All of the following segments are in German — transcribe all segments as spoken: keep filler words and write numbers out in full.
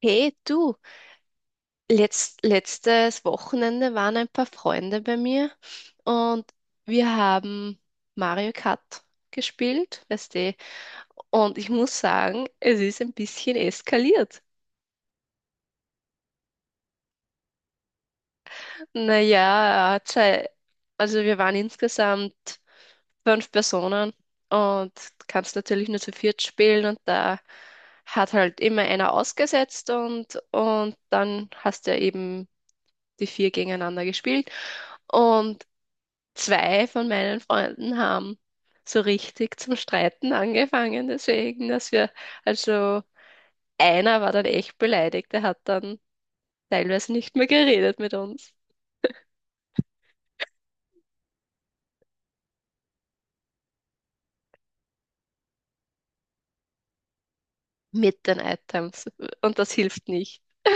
Hey, du, letzt, letztes Wochenende waren ein paar Freunde bei mir und wir haben Mario Kart gespielt, weißt du, und ich muss sagen, es ist ein bisschen eskaliert. Naja, er hat sei- also wir waren insgesamt fünf Personen und kannst natürlich nur zu viert spielen und da hat halt immer einer ausgesetzt und, und dann hast du ja eben die vier gegeneinander gespielt. Und zwei von meinen Freunden haben so richtig zum Streiten angefangen, deswegen, dass wir, also einer war dann echt beleidigt, der hat dann teilweise nicht mehr geredet mit uns, mit den Items. Und das hilft nicht.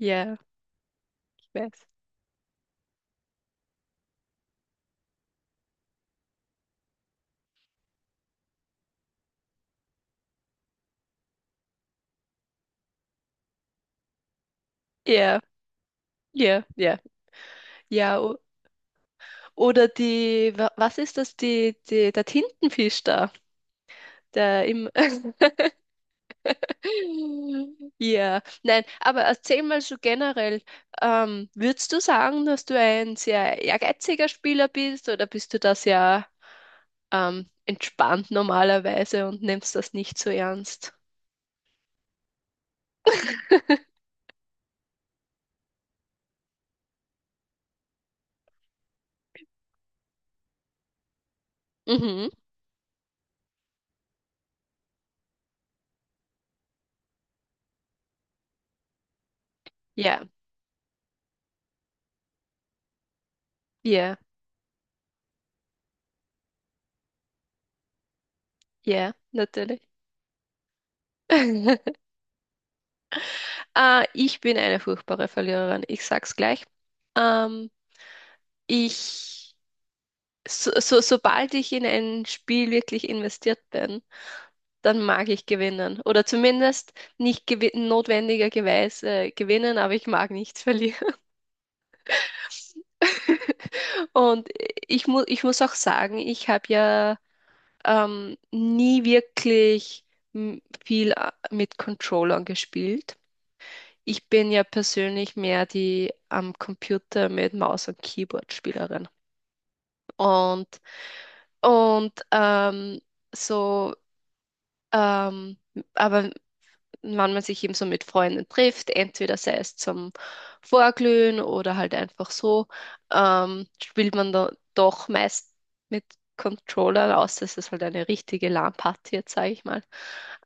Ja, ich weiß. Ja, ja, ja. Ja, o- oder die, wa- was ist das, die, die, der Tintenfisch da, der im, Ja, nein, aber erzähl mal so generell, ähm, würdest du sagen, dass du ein sehr ehrgeiziger Spieler bist oder bist du das ja ähm, entspannt normalerweise und nimmst das nicht so ernst? Mhm. Ja, ja, ja, natürlich. Ah, ich bin eine furchtbare Verliererin, ich sag's gleich. Ähm, ich, so, so, sobald ich in ein Spiel wirklich investiert bin, dann mag ich gewinnen. Oder zumindest nicht gewi notwendigerweise äh, gewinnen, aber ich mag nichts verlieren. Und ich, mu ich muss auch sagen, ich habe ja ähm, nie wirklich m, viel a- mit Controllern gespielt. Ich bin ja persönlich mehr die am Computer mit Maus und Keyboard Spielerin. Und, und ähm, so, ähm, aber wann man sich eben so mit Freunden trifft, entweder sei es zum Vorglühen oder halt einfach so, ähm, spielt man da doch meist mit Controllern, außer es ist halt eine richtige LAN-Party jetzt, sage ich mal.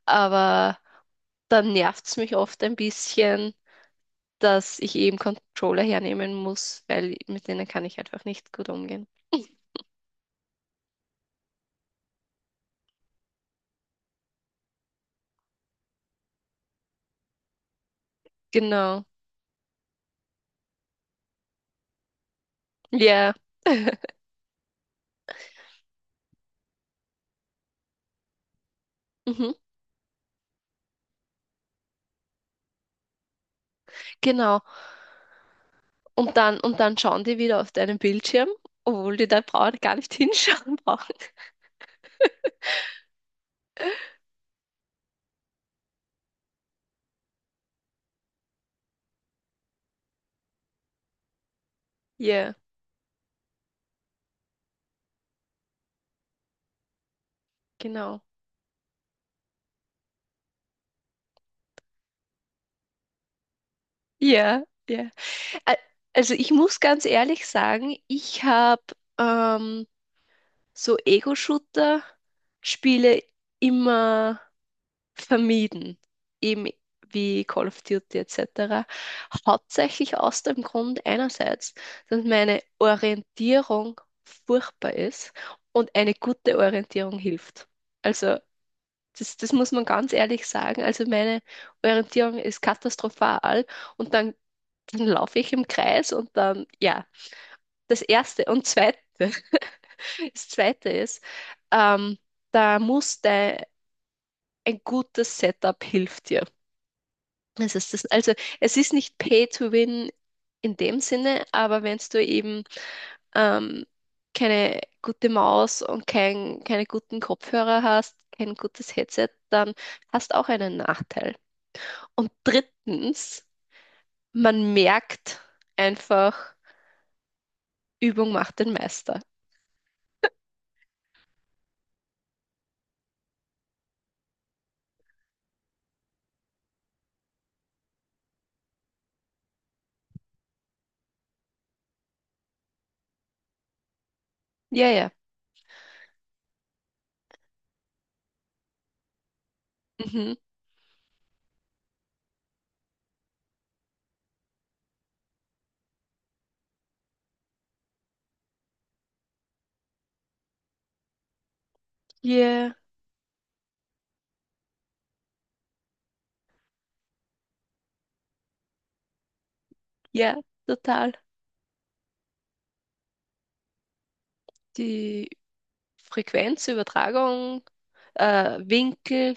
Aber dann nervt es mich oft ein bisschen, dass ich eben Controller hernehmen muss, weil mit denen kann ich einfach nicht gut umgehen. Genau. Ja. Mhm. Genau. Und dann, und dann schauen die wieder auf deinen Bildschirm, obwohl die da brauchen, gar nicht hinschauen brauchen. Ja, genau. Ja, ja. Ä- Also ich muss ganz ehrlich sagen, ich habe ähm, so Ego-Shooter-Spiele immer vermieden, eben wie Call of Duty et cetera. Hauptsächlich aus dem Grund einerseits, dass meine Orientierung furchtbar ist und eine gute Orientierung hilft. Also Das, das muss man ganz ehrlich sagen. Also meine Orientierung ist katastrophal und dann, dann laufe ich im Kreis und dann, ja, das Erste und Zweite, das Zweite ist, ähm, da muss dein, ein gutes Setup hilft dir. Das ist das, also es ist nicht Pay to Win in dem Sinne, aber wenn du eben ähm, keine gute Maus und kein, keine guten Kopfhörer hast, kein gutes Headset, dann hast du auch einen Nachteil. Und drittens, man merkt einfach, Übung macht den Meister. Ja, ja. Mhm. Ja, ja, total. Die Frequenzübertragung, äh, Winkel,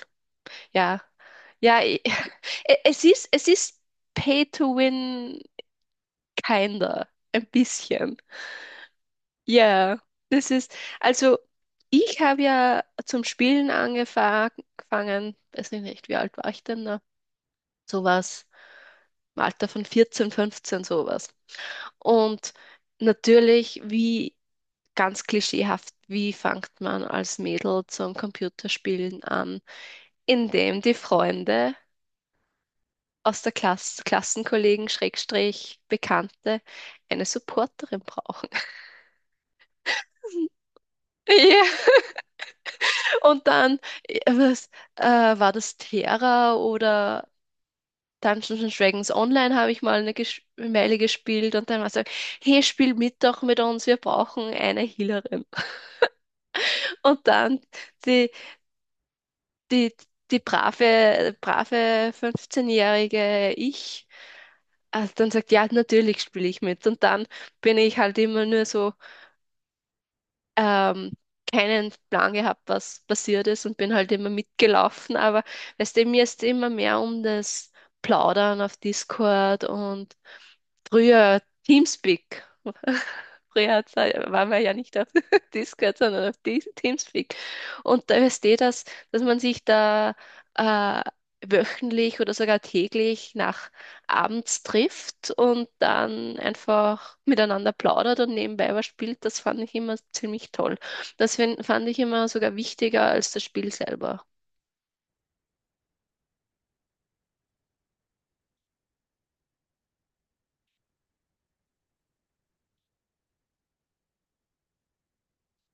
Ja, ja, i- es ist, es ist Pay to Win, kinder, ein bisschen. Ja, das ist, also ich habe ja zum Spielen angefangen, weiß ich nicht, wie alt war ich denn da? Sowas, im Alter von vierzehn, fünfzehn, sowas. Und natürlich, wie ganz klischeehaft, wie fängt man als Mädel zum Computerspielen an? Indem die Freunde aus der Klasse, Klassenkollegen, Schrägstrich, Bekannte eine Supporterin brauchen. Ja, und dann äh, was, äh, war das Terra oder Dungeons and Dragons Online, habe ich mal eine Ges Meile gespielt und dann war es so, hey, spiel mit doch mit uns, wir brauchen eine Healerin. Und dann die, die, die brave, brave fünfzehnjährige-jährige ich, also dann sagt, ja, natürlich spiele ich mit. Und dann bin ich halt immer nur so ähm, keinen Plan gehabt, was passiert ist und bin halt immer mitgelaufen. Aber weißt du, mir ist immer mehr um das Plaudern auf Discord und früher Teamspeak. Früher hat's- ja, waren wir ja nicht auf Discord, sondern auf Dis- Teamspeak. Und da ist eh das, dass man sich da äh, wöchentlich oder sogar täglich nach abends trifft und dann einfach miteinander plaudert und nebenbei was spielt, das fand ich immer ziemlich toll. Das fin- fand ich immer sogar wichtiger als das Spiel selber.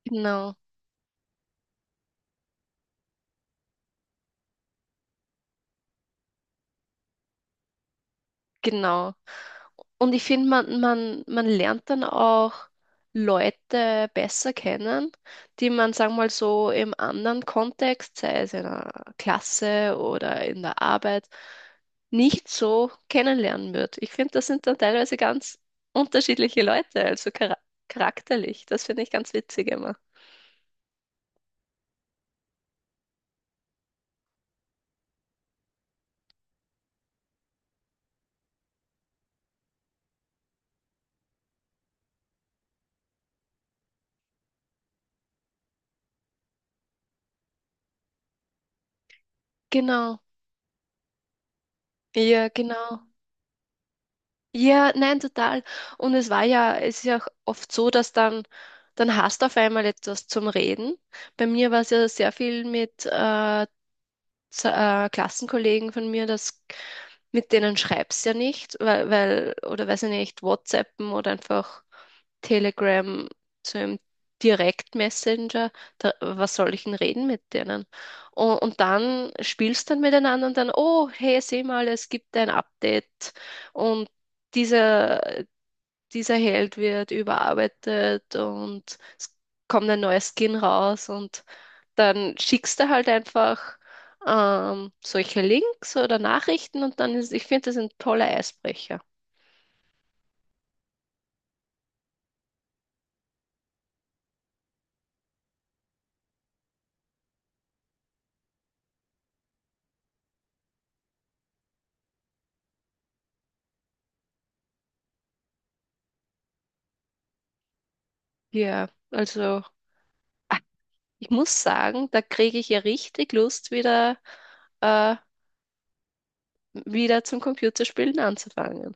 Genau. Genau. Und ich finde, man, man, man lernt dann auch Leute besser kennen, die man, sagen wir mal so, im anderen Kontext, sei es in einer Klasse oder in der Arbeit, nicht so kennenlernen wird. Ich finde, das sind dann teilweise ganz unterschiedliche Leute, also chara charakterlich. Das finde ich ganz witzig immer. Genau. Ja, genau. Ja, nein, total. Und es war ja, es ist ja auch oft so, dass dann, dann hast du auf einmal etwas zum Reden. Bei mir war es ja sehr viel mit äh, Z- äh, Klassenkollegen von mir, das, mit denen schreibst ja nicht, weil, weil, oder weiß ich nicht, WhatsAppen oder einfach Telegram zu einem Direktmessenger, da, was soll ich denn reden mit denen? Und, und dann spielst dann miteinander und dann, oh, hey, seh mal, es gibt ein Update und diese dieser Held wird überarbeitet und es kommt ein neuer Skin raus und dann schickst du halt einfach ähm, solche Links oder Nachrichten und dann ist, ich finde, das sind tolle Eisbrecher. Ja, also ah, ich muss sagen, da kriege ich ja richtig Lust, wieder, äh, wieder zum Computerspielen anzufangen.